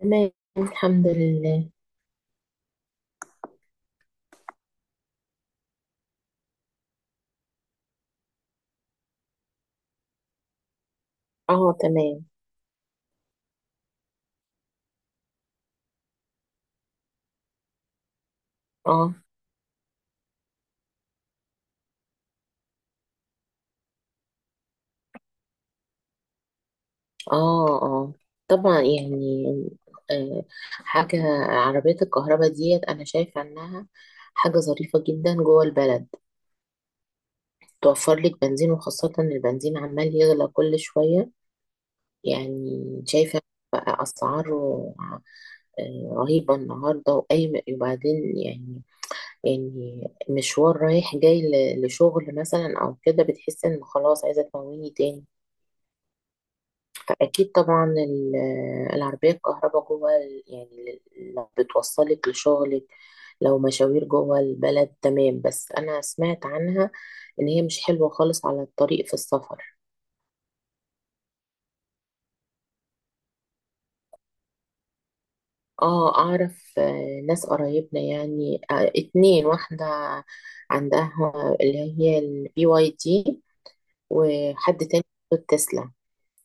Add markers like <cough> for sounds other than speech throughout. تمام. الحمد لله. اه، تمام. اه اه. طبعا يعني. آه حاجة. عربيات الكهرباء ديت أنا شايفة إنها حاجة ظريفة جدا جوه البلد، توفر لك بنزين، وخاصة إن البنزين عمال يغلى كل شوية. يعني شايفة بقى أسعاره رهيبة النهاردة، وأي وبعدين يعني، يعني مشوار رايح جاي لشغل مثلا أو كده، بتحس إن خلاص عايزة تمويني تاني. أكيد طبعا، العربية الكهرباء جوه يعني لو بتوصلك لشغلك، لو مشاوير جوه البلد تمام، بس أنا سمعت عنها إن هي مش حلوة خالص على الطريق في السفر. اه، أعرف ناس قرايبنا يعني، اتنين، واحدة عندها اللي هي البي واي دي، وحد تاني عنده التسلا.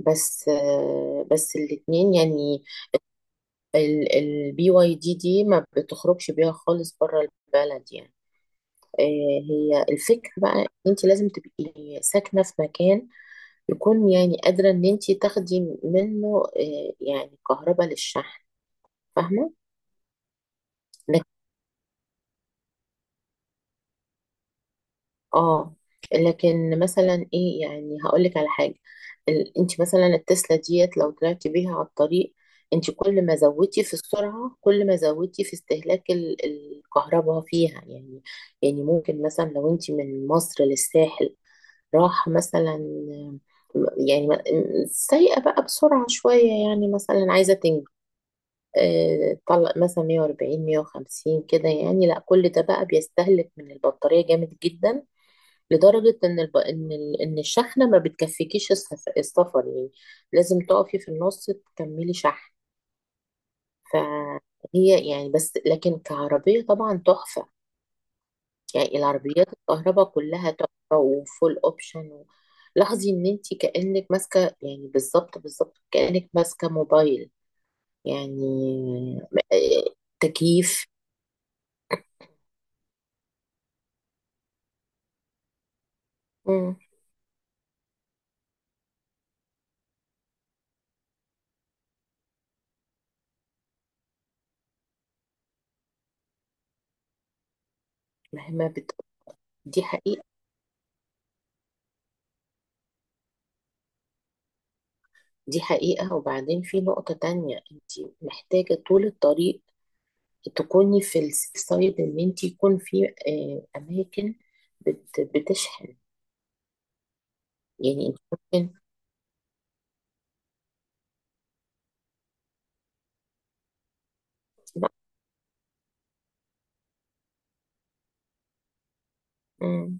بس بس الاتنين يعني، البي واي دي دي ما بتخرجش بيها خالص بره البلد يعني. آه، هي الفكرة بقى، انت لازم تبقي ساكنة في مكان يكون، يعني، قادرة ان انت تاخدي منه، يعني كهرباء للشحن، فاهمة. اه، لكن مثلا ايه، يعني هقول لك على حاجه. انت مثلا التسلا ديت لو طلعتي بيها على الطريق، انت كل ما زودتي في السرعه، كل ما زودتي في استهلاك الكهرباء فيها يعني. يعني ممكن مثلا لو انت من مصر للساحل، راح مثلا، يعني سايقه بقى بسرعه شويه، يعني مثلا عايزه تنجز. طلق مثلا 140 150 كده، يعني لا، كل ده بقى بيستهلك من البطاريه جامد جدا، لدرجة إن إن الشحنة ما بتكفيكيش السفر يعني، لازم تقفي في النص تكملي شحن. فهي يعني، بس لكن كعربية طبعا تحفة. يعني العربيات الكهرباء كلها تحفة وفول أوبشن و... لاحظي إن أنت كأنك ماسكة، يعني بالظبط بالظبط كأنك ماسكة موبايل يعني. م- تكييف. مم. مهما بت... دي حقيقة. دي حقيقة. وبعدين في نقطة تانية: انت محتاجة طول الطريق تكوني في السيف سايد، ان انت يكون في اماكن بتشحن. يعني انت ممكن، لا. مم.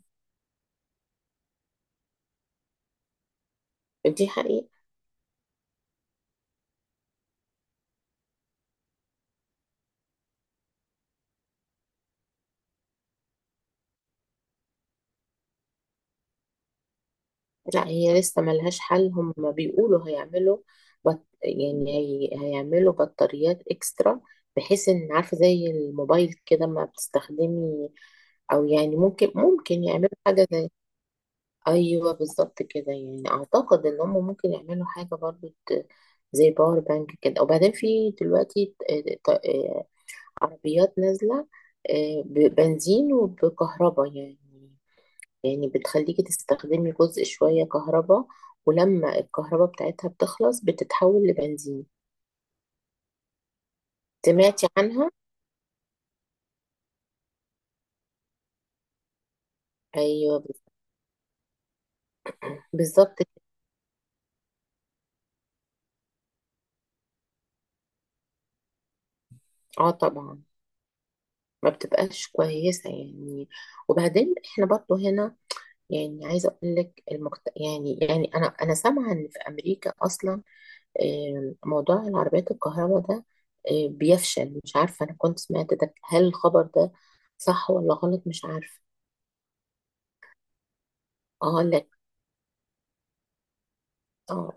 دي حقيقة. لا، هي لسه ملهاش حل. هم بيقولوا هيعملوا بط... يعني هيعملوا بطاريات اكسترا، بحيث ان، عارفة، زي الموبايل كده ما بتستخدمي. او يعني ممكن ممكن يعملوا حاجة زي، ايوه بالظبط كده. يعني اعتقد ان هم ممكن يعملوا حاجه برضو زي باور بانك كده. وبعدين في دلوقتي ط- آه، عربيات نازله ببنزين وبكهرباء يعني. يعني بتخليكي تستخدمي جزء شويه كهرباء، ولما الكهرباء بتاعتها بتخلص بتتحول لبنزين. سمعتي عنها؟ ايوه. بالظبط. اه، طبعا، ما بتبقاش كويسه يعني. وبعدين احنا برضو هنا، يعني عايزه اقول لك يعني، يعني انا سامعه ان في امريكا اصلا موضوع العربيات الكهرباء ده بيفشل. مش عارفه، انا كنت سمعت ده، هل الخبر ده صح ولا غلط؟ مش عارفه. اقول لك، اه.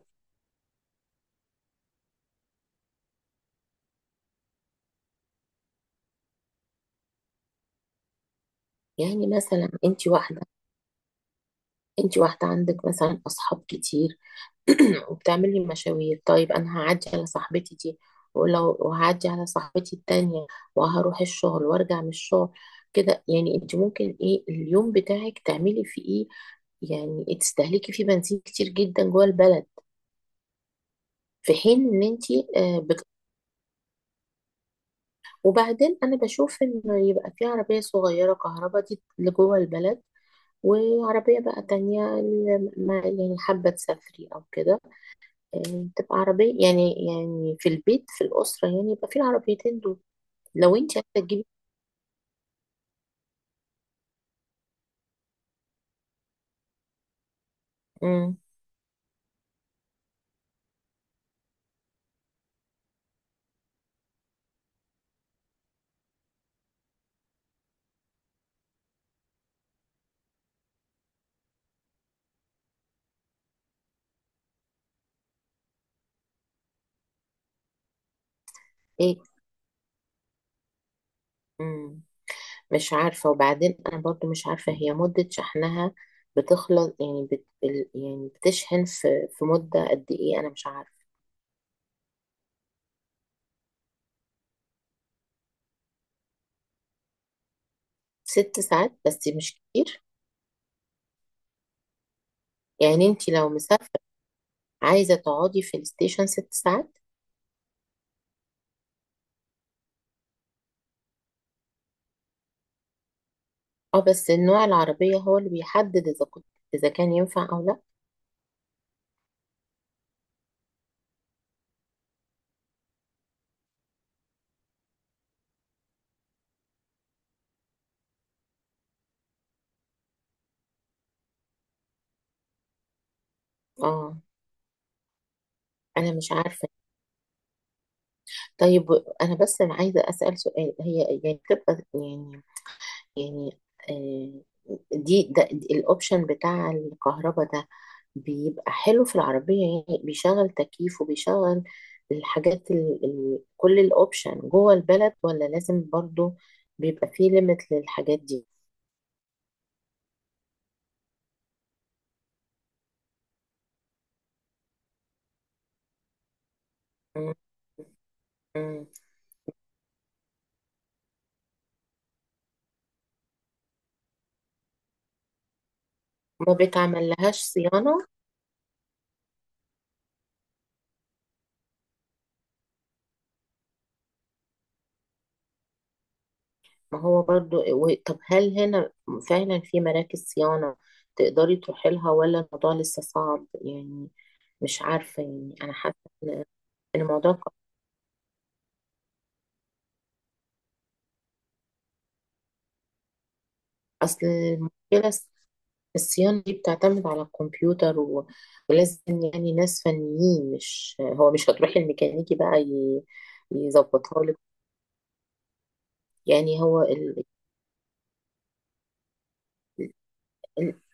يعني مثلا انت واحده، انت واحده عندك مثلا اصحاب كتير، <clears throat> وبتعمل لي مشاوير. طيب، انا هعدي على صاحبتي دي، ولو وهعدي على صاحبتي التانية، وهروح الشغل وارجع من الشغل. كده يعني انت ممكن، ايه، اليوم بتاعك تعملي فيه ايه، يعني تستهلكي فيه بنزين كتير جدا جوه البلد، في حين ان انت آه، بت... وبعدين انا بشوف انه يبقى في عربية صغيرة كهرباء دي لجوه البلد، وعربية بقى تانية اللي يعني حابة تسافري او كده، تبقى عربية، يعني يعني في البيت، في الأسرة، يعني يبقى في العربيتين دول لو انت عايزة تجيبي. مم. ايه، مم. مش عارفة. وبعدين أنا برضو مش عارفة هي مدة شحنها بتخلص يعني يعني بتشحن في مدة قد ايه، أنا مش عارفة. 6 ساعات؟ بس مش كتير. يعني انت لو مسافرة عايزة تقعدي في الستيشن 6 ساعات. اه، بس النوع العربية هو اللي بيحدد إذا كنت، إذا كان ينفع أو لا. اه، أنا مش عارفة. طيب، أنا بس عايزة أسأل سؤال: هي يعني بتبقى يعني، يعني، آه، دي ده الأوبشن بتاع الكهرباء ده، بيبقى حلو في العربية، يعني بيشغل تكييف وبيشغل الحاجات ال ال كل الأوبشن جوه البلد، ولا لازم برضو بيبقى فيه ليميت للحاجات دي؟ مم. مم. ما بتعمل لهاش صيانة؟ ما هو برضو طب هل هنا فعلا في مراكز صيانة تقدري تروحي لها، ولا الموضوع لسه صعب يعني؟ مش عارفة. يعني أنا حاسة إن، إن أصل المشكلة الصيانة دي بتعتمد على الكمبيوتر و... ولازم يعني ناس فنيين، مش هو، مش هتروحي الميكانيكي بقى يظبطها لك. يعني هو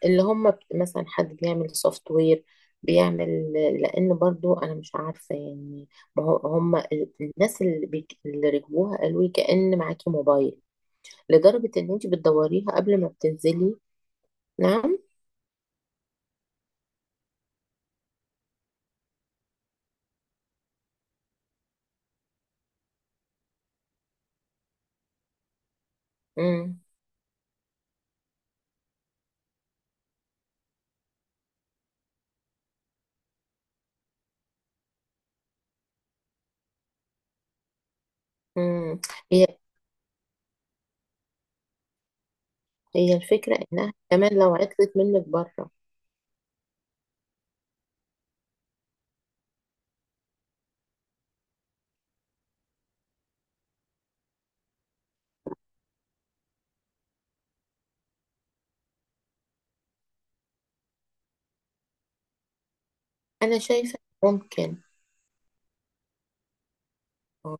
اللي هم مثلا حد بيعمل سوفت وير، بيعمل، لان برضو انا مش عارفه يعني. ما هو هم الناس اللي, اللي ركبوها قالوا لي كأن معاكي موبايل، لدرجه ان انت بتدوريها قبل ما بتنزلي. نعم. امم. امم. هي، هي الفكره انها كمان لو عطلت منك بره. انا شايفه ممكن. آه.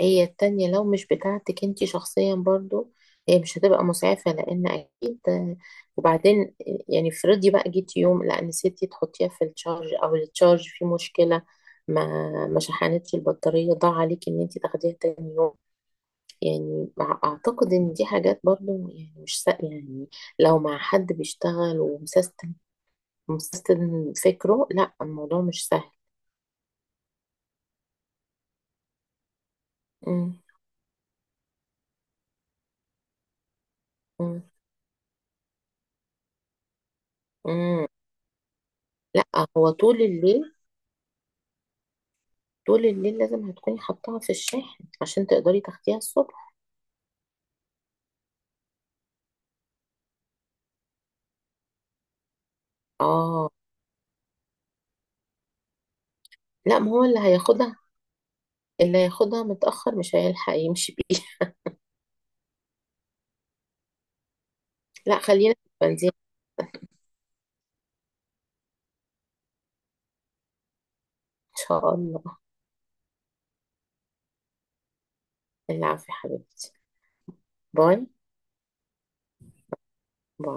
هي التانية لو مش بتاعتك انتي شخصيا، برضو هي مش هتبقى مسعفة، لان اكيد، وبعدين يعني افرضي بقى، جيتي يوم لا نسيتي تحطيها في التشارج، او التشارج فيه مشكلة، ما ما شحنتش البطارية، ضاع عليك ان انتي تاخديها تاني يوم. يعني اعتقد ان دي حاجات برضو يعني مش يعني لو مع حد بيشتغل ومسيستم، مسيستم فكره، لا الموضوع مش سهل. مم. مم. مم. لا، هو طول الليل، طول الليل لازم هتكوني حطاها في الشاحن عشان تقدري تاخديها الصبح. اه. لا، ما هو اللي هياخدها، اللي هياخدها متأخر مش هيلحق يمشي بيه. لا، خلينا في البنزين. ان شاء الله. العافية يا حبيبتي. باي باي.